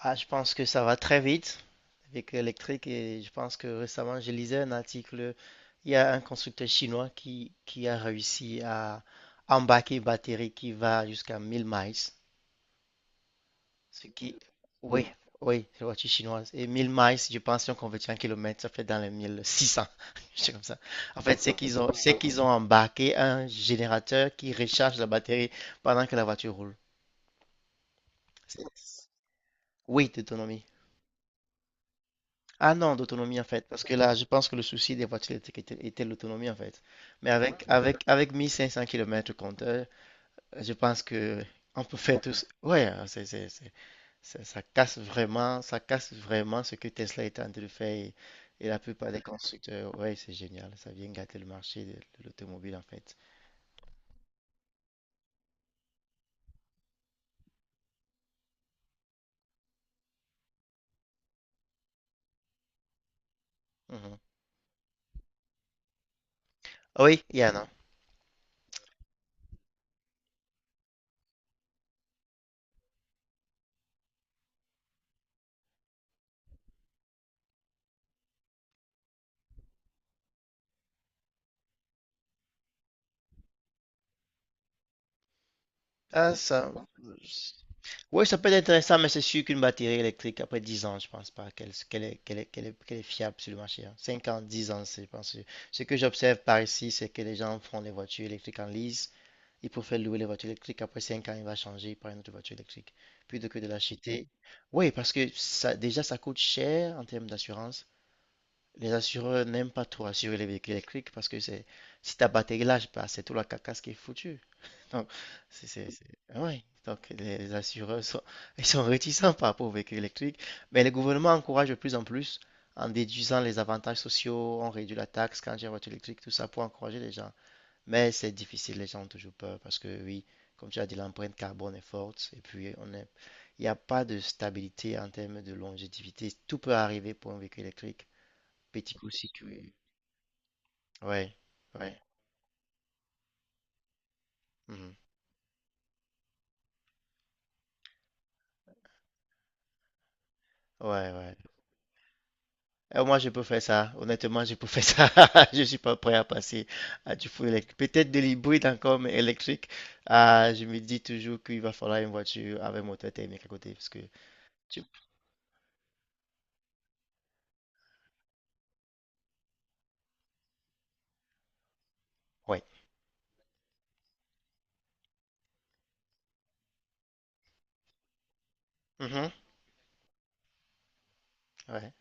Ah, je pense que ça va très vite avec l'électrique et je pense que récemment je lisais un article. Il y a un constructeur chinois qui a réussi à embarquer une batterie qui va jusqu'à 1000 miles. Ce qui, oui, oui, c'est la voiture chinoise. Et 1000 miles, je pense, si on convertit en kilomètres, ça fait dans les 1600. sais comme ça. En fait, c'est qu'ils ont embarqué un générateur qui recharge la batterie pendant que la voiture roule. C'est- Oui, d'autonomie. Ah non, d'autonomie en fait, parce que là, je pense que le souci des voitures électriques était l'autonomie en fait. Mais avec 1500 km compteur, je pense que on peut faire tout. Ouais. Ça casse vraiment, ça casse vraiment ce que Tesla est en train de faire et la plupart des constructeurs. Ouais, c'est génial, ça vient gâter le marché de l'automobile en fait. Mhm. Ah oui, Yana. Ah, ça. Oui, ça peut être intéressant, mais c'est sûr qu'une batterie électrique, après 10 ans, je pense pas qu'elle qu'elle est, qu'elle est, qu'elle est, qu'elle est fiable sur le marché. Hein. 5 ans, 10 ans, c'est, je pense. Ce que j'observe par ici, c'est que les gens font les voitures électriques en lease. Ils préfèrent louer les voitures électriques. Après 5 ans, il va changer par une autre voiture électrique plutôt que de l'acheter. Oui, parce que ça, déjà, ça coûte cher en termes d'assurance. Les assureurs n'aiment pas trop assurer les véhicules électriques parce que c'est si ta batterie lâche, bah, c'est tout la carcasse qui est foutue. Donc, c'est, c'est, c'est- ah ouais. Donc, les assureurs sont, ils sont réticents par rapport aux véhicules électriques. Mais le gouvernement encourage de plus en plus en déduisant les avantages sociaux, on réduit la taxe quand j'ai une voiture électrique, tout ça pour encourager les gens. Mais c'est difficile, les gens ont toujours peur parce que, oui, comme tu as dit, l'empreinte carbone est forte et puis on est, il n'y a pas de stabilité en termes de longévité. Tout peut arriver pour un véhicule électrique. Petit coup si. Ouais, ouais. Mhm. Ouais, ouais. Moi, je peux faire ça. Honnêtement, je peux faire ça. Je suis pas prêt à passer à du full électrique. Peut-être de l'hybride encore, mais électrique. Ah, je me dis toujours qu'il va falloir une voiture avec moteur thermique à côté. Parce que, tu- ouais. Mhm. Ouais,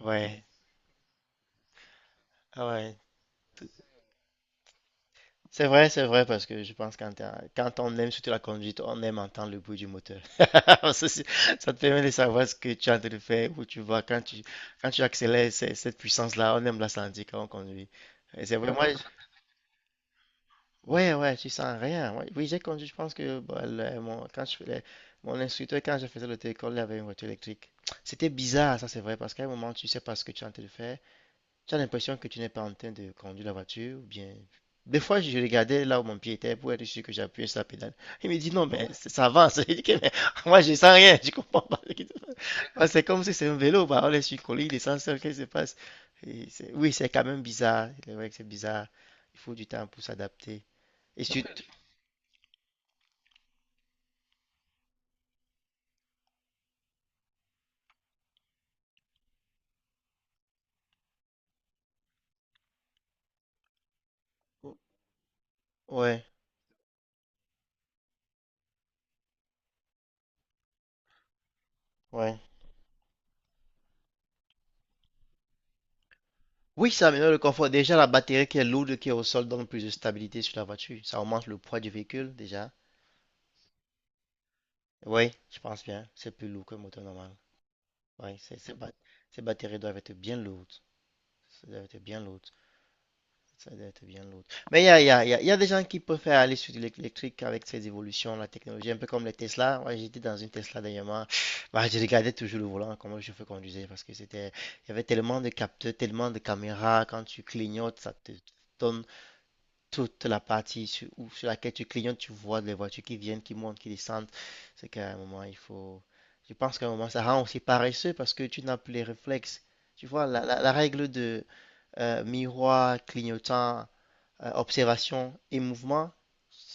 ouais. Ah ouais. C'est vrai, parce que je pense quand on aime surtout la conduite, on aime entendre le bruit du moteur. Ça, c'est- Ça te permet de savoir ce que tu es en train de faire, où tu vas, quand tu accélères, cette puissance-là, on aime la sentir quand on conduit. Et c'est vrai, moi, ouais, ouais, tu sens rien. Moi, oui, j'ai conduit, je pense que bah, mon instructeur, quand je faisais l'auto-école, il avait une voiture électrique. C'était bizarre, ça c'est vrai, parce qu'à un moment, tu sais pas ce que tu es en train de faire. Tu as l'impression que tu n'es pas en train de conduire la voiture, ou bien. Des fois, je regardais là où mon pied était pour être sûr que j'appuyais sur la pédale. Il me dit non, mais ça avance. Je dis que mais moi, je sens rien, je comprends pas ce qui se passe. Parce que c'est comme si c'est un vélo, bah, on est sur une colline, il descend seul, qu'est-ce qui se passe? Oui, c'est quand même bizarre. C'est vrai que c'est bizarre. Il faut du temps pour s'adapter. Et surtout. Ouais, ouais. Oui, ça améliore le confort. Déjà, la batterie qui est lourde, qui est au sol, donne plus de stabilité sur la voiture. Ça augmente le poids du véhicule, déjà. Oui, je pense bien. C'est plus lourd qu'un moteur normal. Ouais, c'est ces batteries doivent être bien lourdes. Ça doit être bien lourd. Ça doit être bien lourd. Mais il y a, il y a- il y a- il y a des gens qui préfèrent aller sur l'électrique avec ces évolutions, la technologie, un peu comme les Tesla. Moi, j'étais dans une Tesla dernièrement. Bah, je regardais toujours le volant, comment je fais conduisais, parce que c'était, il y avait tellement de capteurs, tellement de caméras. Quand tu clignotes, ça te donne toute la partie sur laquelle tu clignotes, tu vois les voitures qui viennent, qui montent, qui descendent. C'est qu'à un moment, il faut. Je pense qu'à un moment, ça rend aussi paresseux parce que tu n'as plus les réflexes. Tu vois, la règle de miroir, clignotant, observation et mouvement,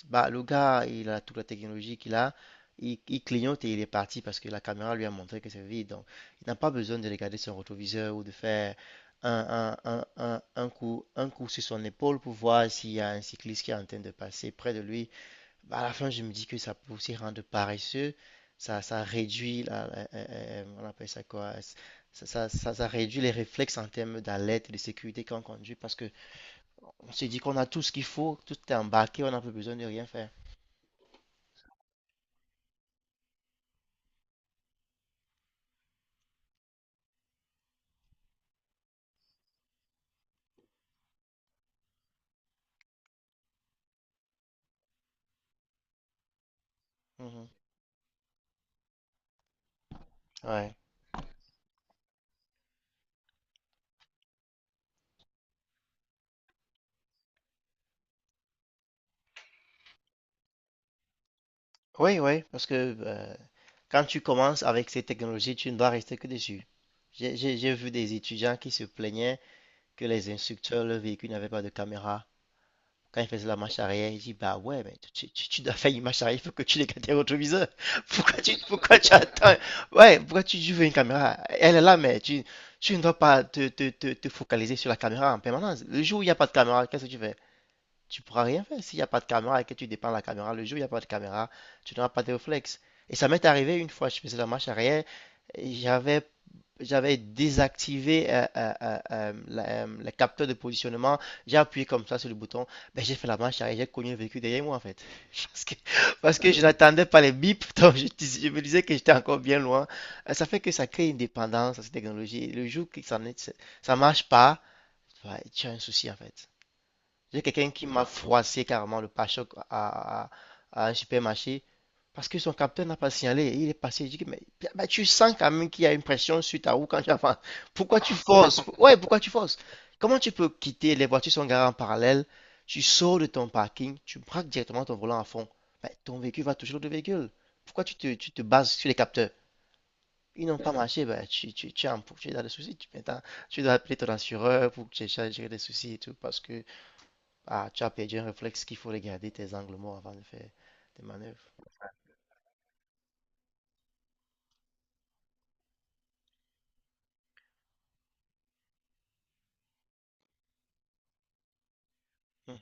bah, le gars, il a toute la technologie qu'il a, il clignote et il est parti parce que la caméra lui a montré que c'est vide. Donc, il n'a pas besoin de regarder son rétroviseur ou de faire un coup sur son épaule pour voir s'il y a un cycliste qui est en train de passer près de lui. Bah, à la fin, je me dis que ça peut aussi rendre paresseux. Ça réduit on appelle ça quoi? Ça réduit les réflexes en termes d'alerte et de sécurité quand on conduit parce que on s'est dit qu'on a tout ce qu'il faut, tout est embarqué, on n'a plus besoin de rien faire. Mhm. Ouais. Oui, oui, parce que euh, quand tu commences avec ces technologies, tu ne dois rester que dessus. J'ai vu des étudiants qui se plaignaient que les instructeurs, le véhicule n'avait pas de caméra. Quand ils faisaient la marche arrière, ils disent, bah ouais, mais tu dois faire une marche arrière, il faut que tu regardes tes rétroviseurs. Pourquoi tu attends? Ouais, pourquoi tu veux une caméra? Elle est là, mais tu ne dois pas te focaliser sur la caméra en permanence. Le jour où il n'y a pas de caméra, qu'est-ce que tu fais? Tu pourras rien faire s'il n'y a pas de caméra et que tu dépends de la caméra. Le jour où il n'y a pas de caméra, tu n'auras pas de réflexe. Et ça m'est arrivé une fois, je faisais la marche arrière, j'avais j'avais désactivé le capteur de positionnement, j'ai appuyé comme ça sur le bouton, ben, j'ai fait la marche arrière, j'ai cogné le véhicule derrière moi en fait. Parce que, parce que je n'attendais pas les bips, donc je me disais que j'étais encore bien loin. Ça fait que ça crée une dépendance à cette technologie. Et le jour que ça marche pas, ouais, tu as un souci en fait. J'ai quelqu'un qui m'a froissé carrément le pare-choc à un supermarché parce que son capteur n'a pas signalé. Il est passé. Je dis, mais bah, tu sens quand même qu'il y a une pression sur ta roue quand tu avances. Pourquoi tu forces? Ouais, pourquoi tu forces? Comment tu peux quitter? Les voitures sont garées en parallèle. Tu sors de ton parking, tu braques directement ton volant à fond. Bah, ton véhicule va toucher l'autre véhicule. Pourquoi tu te bases sur les capteurs? Ils n'ont pas marché, bah, tu es dans des soucis. Tu, maintenant, tu dois appeler ton assureur pour que tu aies des soucis et tout parce que ah, tu as perdu un réflexe qu'il faut regarder tes angles morts avant de faire des manœuvres. Hmm.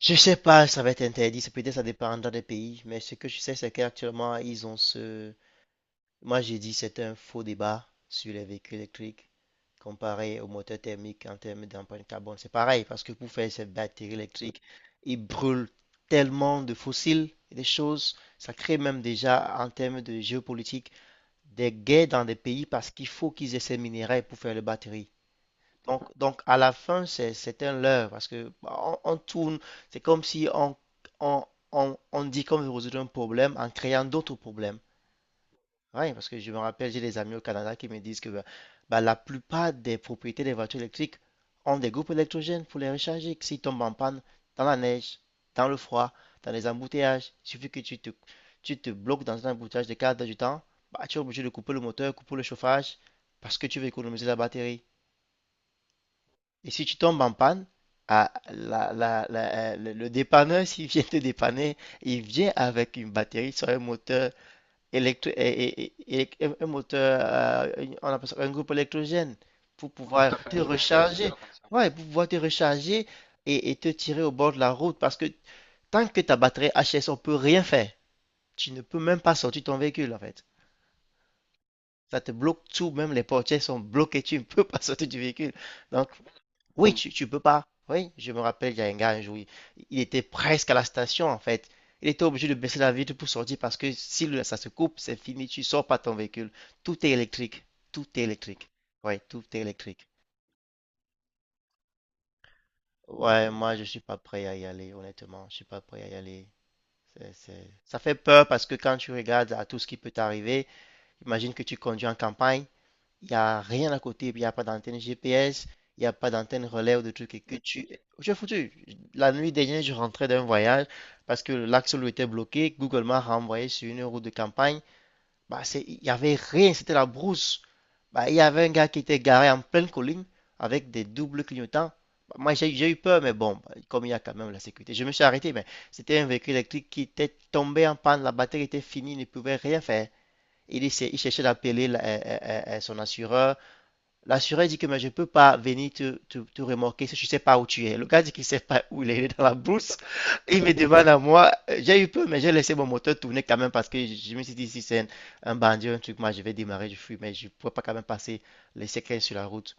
Je sais pas, ça va être interdit, ça peut-être ça dépendra des pays, mais ce que je sais, c'est qu'actuellement, ils ont ce... Moi, j'ai dit c'est un faux débat sur les véhicules électriques comparé aux moteurs thermiques en termes d'empreinte carbone. C'est pareil, parce que pour faire ces batteries électriques, ils brûlent tellement de fossiles et des choses. Ça crée même déjà, en termes de géopolitique, des gays dans des pays parce qu'il faut qu'ils aient ces minéraux pour faire les batteries. Donc, à la fin, c'est un leurre parce que bah, on tourne, c'est comme si on, on dit qu'on veut résoudre un problème en créant d'autres problèmes. Oui, parce que je me rappelle, j'ai des amis au Canada qui me disent que bah, la plupart des propriétés des voitures électriques ont des groupes électrogènes pour les recharger. Que s'ils tombent en panne dans la neige, dans le froid, dans les embouteillages, il suffit que tu te bloques dans un embouteillage de 4 heures du temps, bah, tu es obligé de couper le moteur, couper le chauffage, parce que tu veux économiser la batterie. Et si tu tombes en panne, le dépanneur, s'il vient te dépanner, il vient avec une batterie sur un moteur un moteur, on appelle ça un groupe électrogène pour tout pouvoir te recharger. Ouais, pour pouvoir te recharger et te tirer au bord de la route parce que tant que ta batterie HS, on peut rien faire. Tu ne peux même pas sortir ton véhicule en fait. Ça te bloque tout, même les portières sont bloquées, tu ne peux pas sortir du véhicule. Donc, oui, tu peux pas. Oui, je me rappelle, il y a un gars un jour, il était presque à la station en fait. Il était obligé de baisser la vitre pour sortir parce que si le- ça se coupe, c'est fini, tu sors pas ton véhicule. Tout est électrique. Tout est électrique. Oui, tout est électrique. Ouais, moi je suis pas prêt à y aller, honnêtement. Je suis pas prêt à y aller. Ça fait peur parce que quand tu regardes à tout ce qui peut t'arriver, imagine que tu conduis en campagne. Il n'y a rien à côté, puis il n'y a pas d'antenne GPS, il n'y a pas d'antenne relais ou de trucs et que tu... Tu es foutu. La nuit dernière, je rentrais d'un voyage parce que l'axe lui était bloqué. Google m'a renvoyé sur une route de campagne. Bah, c'est... Il n'y avait rien, c'était la brousse. Bah, il y avait un gars qui était garé en pleine colline avec des doubles clignotants. Bah, moi, j'ai eu peur, mais bon, bah, comme il y a quand même la sécurité, je me suis arrêté, mais c'était un véhicule électrique qui était tombé en panne, la batterie était finie, il ne pouvait rien faire. Il cherchait d'appeler son assureur. L'assureur dit que mais je ne peux pas venir te remorquer si je ne sais pas où tu es. Le gars dit qu'il ne sait pas où il est dans la brousse. Il me demande à moi, j'ai eu peur, mais j'ai laissé mon moteur tourner quand même parce que me suis dit, si c'est un bandit, un truc, moi je vais démarrer, je fuis, mais je ne pourrais pas quand même passer les séquelles sur la route.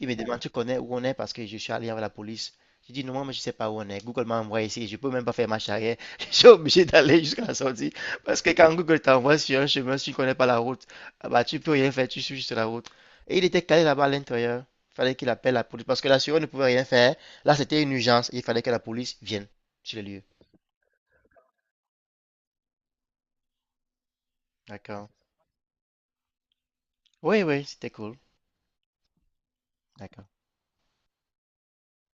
Il me demande, tu connais où on est parce que je suis allé avec la police. Je dis, non, moi, je ne sais pas où on est. Google m'a envoyé ici. Je ne peux même pas faire marche arrière. Je suis obligé d'aller jusqu'à la sortie. Parce que quand Google t'envoie sur un chemin, si tu ne connais pas la route, ah bah, tu ne peux rien faire. Tu suis juste la route. Et il était calé là-bas à l'intérieur. Il fallait qu'il appelle la police. Parce que l'assureur ne pouvait rien faire. Là, c'était une urgence. Il fallait que la police vienne sur le lieu. D'accord. Oui, oui, c'était cool. D'accord.